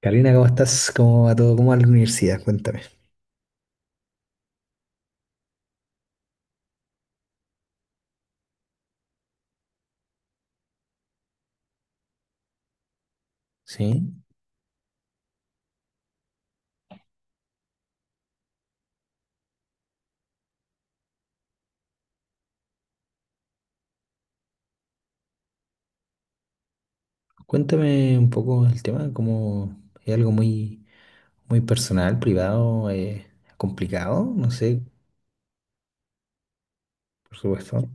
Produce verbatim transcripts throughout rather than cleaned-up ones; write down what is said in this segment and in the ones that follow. Karina, ¿cómo estás? ¿Cómo va todo? ¿Cómo va la universidad? Cuéntame. Sí, cuéntame un poco el tema, como es algo muy, muy personal, privado, eh, complicado, no sé, por supuesto.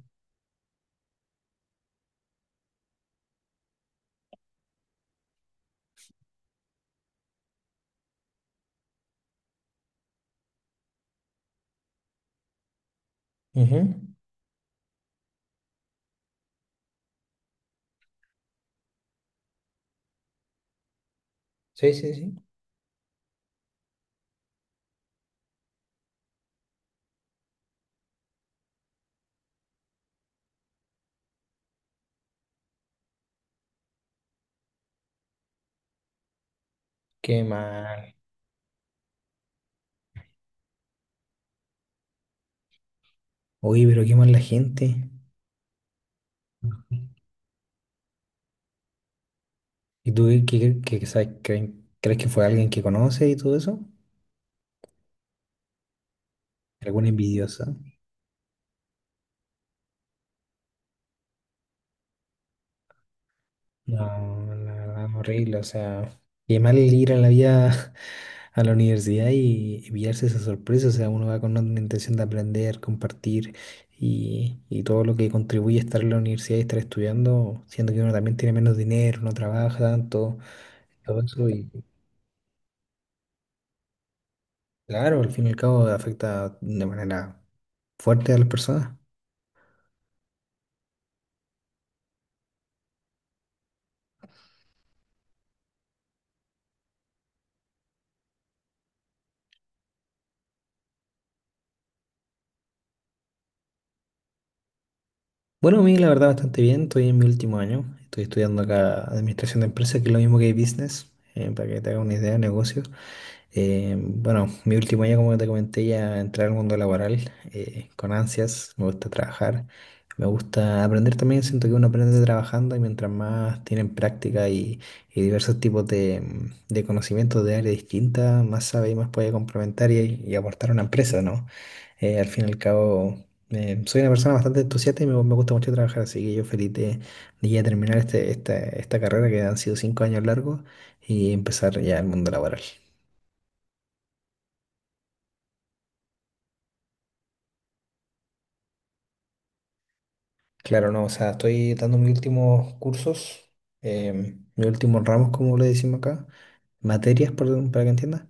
Ujú. Sí, sí, sí. Qué mal. Oye, pero qué mal la gente. ¿Y tú qué, qué- qué- qué sabes? ¿Creen- ¿Crees que fue alguien que conoce y todo eso? ¿Alguna envidiosa? No, la verdad, horrible. O sea, qué mal ir a la vida a la universidad y y pillarse esa sorpresa. O sea, uno va con una intención de aprender, compartir y, y todo lo que contribuye a estar en la universidad y estar estudiando, siendo que uno también tiene menos dinero, no trabaja tanto, todo eso. Y claro, al fin y al cabo afecta de manera fuerte a las personas. Bueno, a mí la verdad bastante bien, estoy en mi último año, estoy estudiando acá Administración de Empresas, que es lo mismo que Business, eh, para que te haga una idea de negocio. Eh, bueno, mi último año, como te comenté, ya entré al mundo laboral eh, con ansias, me gusta trabajar, me gusta aprender también, siento que uno aprende trabajando y mientras más tienen práctica y, y diversos tipos de, mm, de conocimientos de áreas distintas, más sabe y más puede complementar y, y aportar a una empresa, ¿no? Eh, al fin y al cabo, eh, soy una persona bastante entusiasta y me, me gusta mucho trabajar, así que yo feliz de, de ya terminar este, esta, esta carrera que han sido cinco años largos y empezar ya el mundo laboral. Claro, no, o sea, estoy dando mis últimos cursos, em, mis últimos ramos, como le decimos acá, materias, perdón, para que entiendas.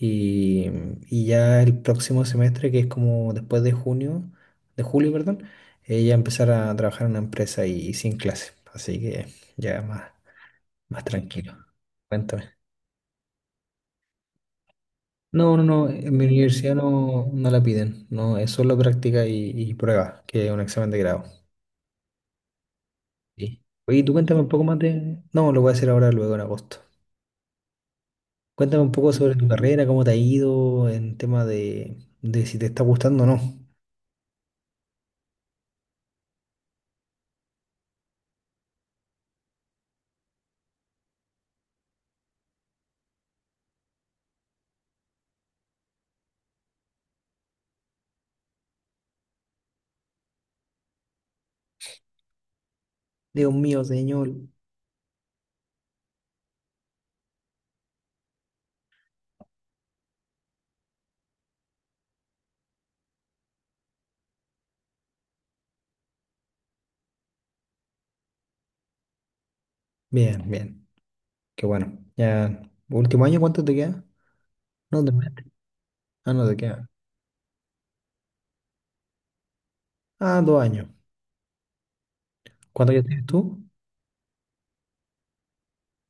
Y, y ya el próximo semestre, que es como después de junio, de julio, perdón, eh, ya empezar a trabajar en una empresa y, y sin clases. Así que ya más, más tranquilo. Cuéntame. No, no, no, en mi universidad no, no la piden, no, es solo práctica y, y prueba, que es un examen de grado. Sí. Oye, tú cuéntame un poco más de... No, lo voy a hacer ahora, luego en agosto. Cuéntame un poco sobre tu carrera, cómo te ha ido en tema de, de si te está gustando o no. Dios mío, señor. Bien, bien. Qué bueno. Ya, último año, ¿cuánto te queda? No te metes. Ah, no te queda. Ah, dos años. ¿Cuántos años tienes tú?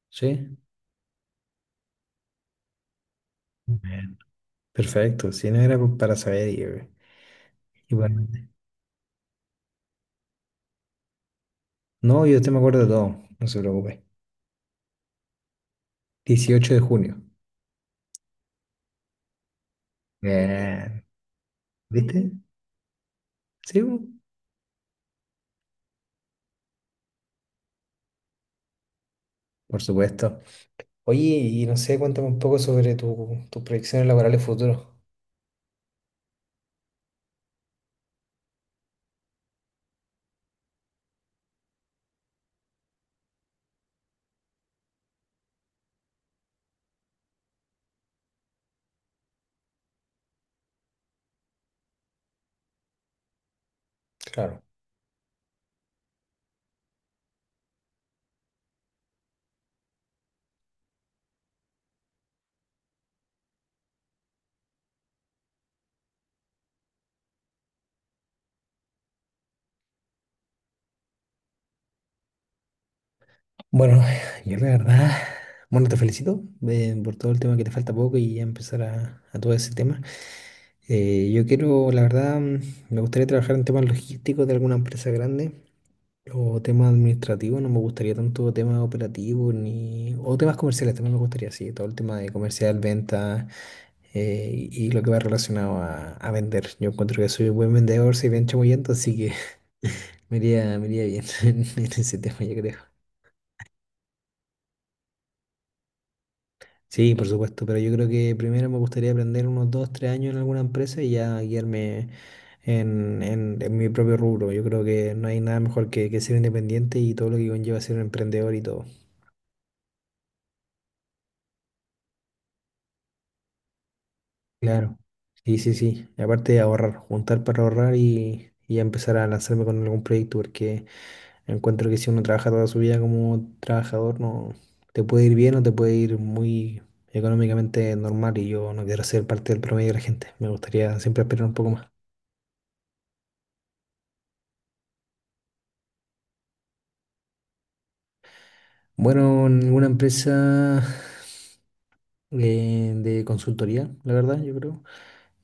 Sí. Bien. Perfecto. Si no era por- para saber, y- igualmente. No, yo te me acuerdo de todo. No se preocupe. Dieciocho de junio. Bien. ¿Viste? Sí, bu, por supuesto. Oye, y no sé, cuéntame un poco sobre tu, tus proyecciones laborales futuras. Claro. Bueno, yo la verdad, bueno, te felicito eh, por todo el tema que te falta poco y ya empezar a, a todo ese tema. Eh, yo quiero, la verdad, mm, me gustaría trabajar en temas logísticos de alguna empresa grande o temas administrativos, no me gustaría tanto temas operativos ni, o temas comerciales, también me gustaría, sí, todo el tema de comercial, ventas eh, y lo que va relacionado a, a vender. Yo encuentro que soy un buen vendedor, soy bien chamullento, así que me iría, me iría bien en, en ese tema, yo creo. Sí, por supuesto, pero yo creo que primero me gustaría aprender unos dos, tres años en alguna empresa y ya guiarme en, en- en mi propio rubro. Yo creo que no hay nada mejor que, que ser independiente y todo lo que conlleva ser un emprendedor y todo. Claro, sí, sí, sí. Y aparte de ahorrar, juntar para ahorrar y, y ya empezar a lanzarme con algún proyecto, porque encuentro que si uno trabaja toda su vida como trabajador, no te puede ir bien o te puede ir muy económicamente normal y yo no quiero ser parte del promedio de la gente. Me gustaría siempre esperar un poco más. Bueno, en alguna empresa eh, de consultoría, la verdad, yo creo.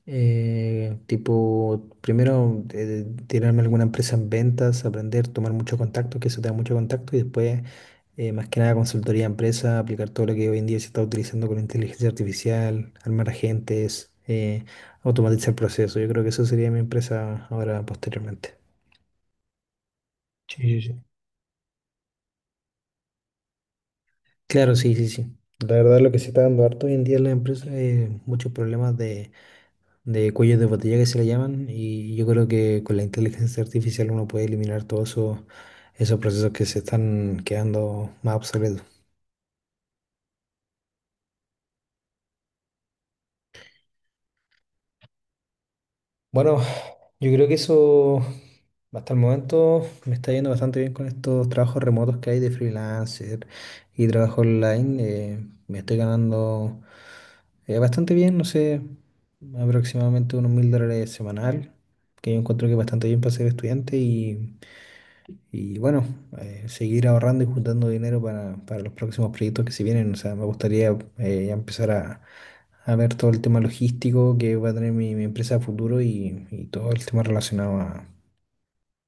Eh, tipo, primero eh, tirarme a alguna empresa en ventas, aprender, tomar mucho contacto, que eso te da mucho contacto, y después, eh, más que nada, consultoría a empresa, aplicar todo lo que hoy en día se está utilizando con inteligencia artificial, armar agentes, eh, automatizar procesos. Yo creo que eso sería mi empresa ahora posteriormente. Sí, sí, sí. Claro, sí, sí, sí. La verdad, lo que se está dando harto hoy en día en las empresas es muchos problemas de cuellos de botella que se le llaman, y yo creo que con la inteligencia artificial uno puede eliminar todos esos, esos procesos que se están quedando más obsoletos. Bueno, yo creo que eso hasta el momento me está yendo bastante bien con estos trabajos remotos que hay de freelancer y trabajo online. eh, me estoy ganando eh, bastante bien, no sé, aproximadamente unos mil dólares semanal, que yo encuentro que es bastante bien para ser estudiante y Y bueno, eh, seguir ahorrando y juntando dinero para, para los próximos proyectos que se vienen. O sea, me gustaría eh, ya empezar a, a ver todo el tema logístico que va a tener mi, mi empresa a futuro y, y todo el tema relacionado a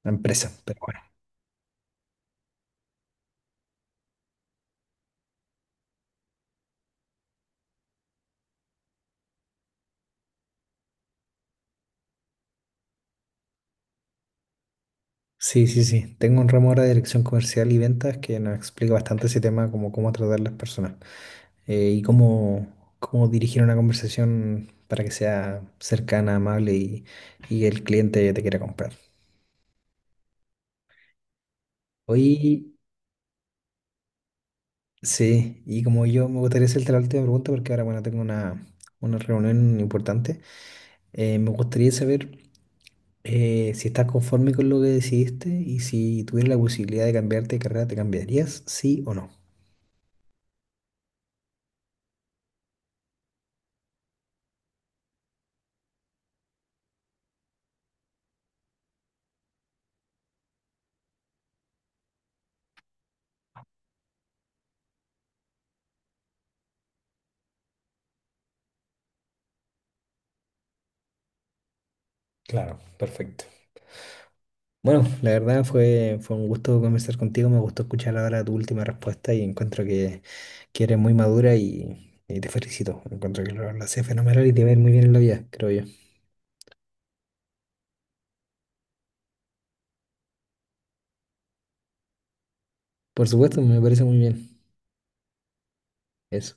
la empresa. Pero bueno, sí, sí, sí. Tengo un ramo ahora de dirección comercial y ventas que nos explica bastante ese tema, como cómo tratar las personas eh, y cómo, cómo dirigir una conversación para que sea cercana, amable y, y el cliente te quiera comprar. Hoy. Sí, y como yo me gustaría hacerte la última pregunta porque ahora, bueno, tengo una, una reunión importante. Eh, me gustaría saber eh, si estás conforme con lo que decidiste y si tuvieras la posibilidad de cambiarte de carrera, ¿te cambiarías? ¿Sí o no? Claro, perfecto. Bueno, la verdad fue, fue un gusto conversar contigo, me gustó escuchar ahora tu última respuesta y encuentro que, que eres muy madura y, y te felicito. Encuentro que lo, lo haces fenomenal y te va a ir muy bien en la vida, creo yo. Por supuesto, me parece muy bien eso.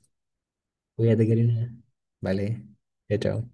Cuídate, Karina. Vale. Ya, chao.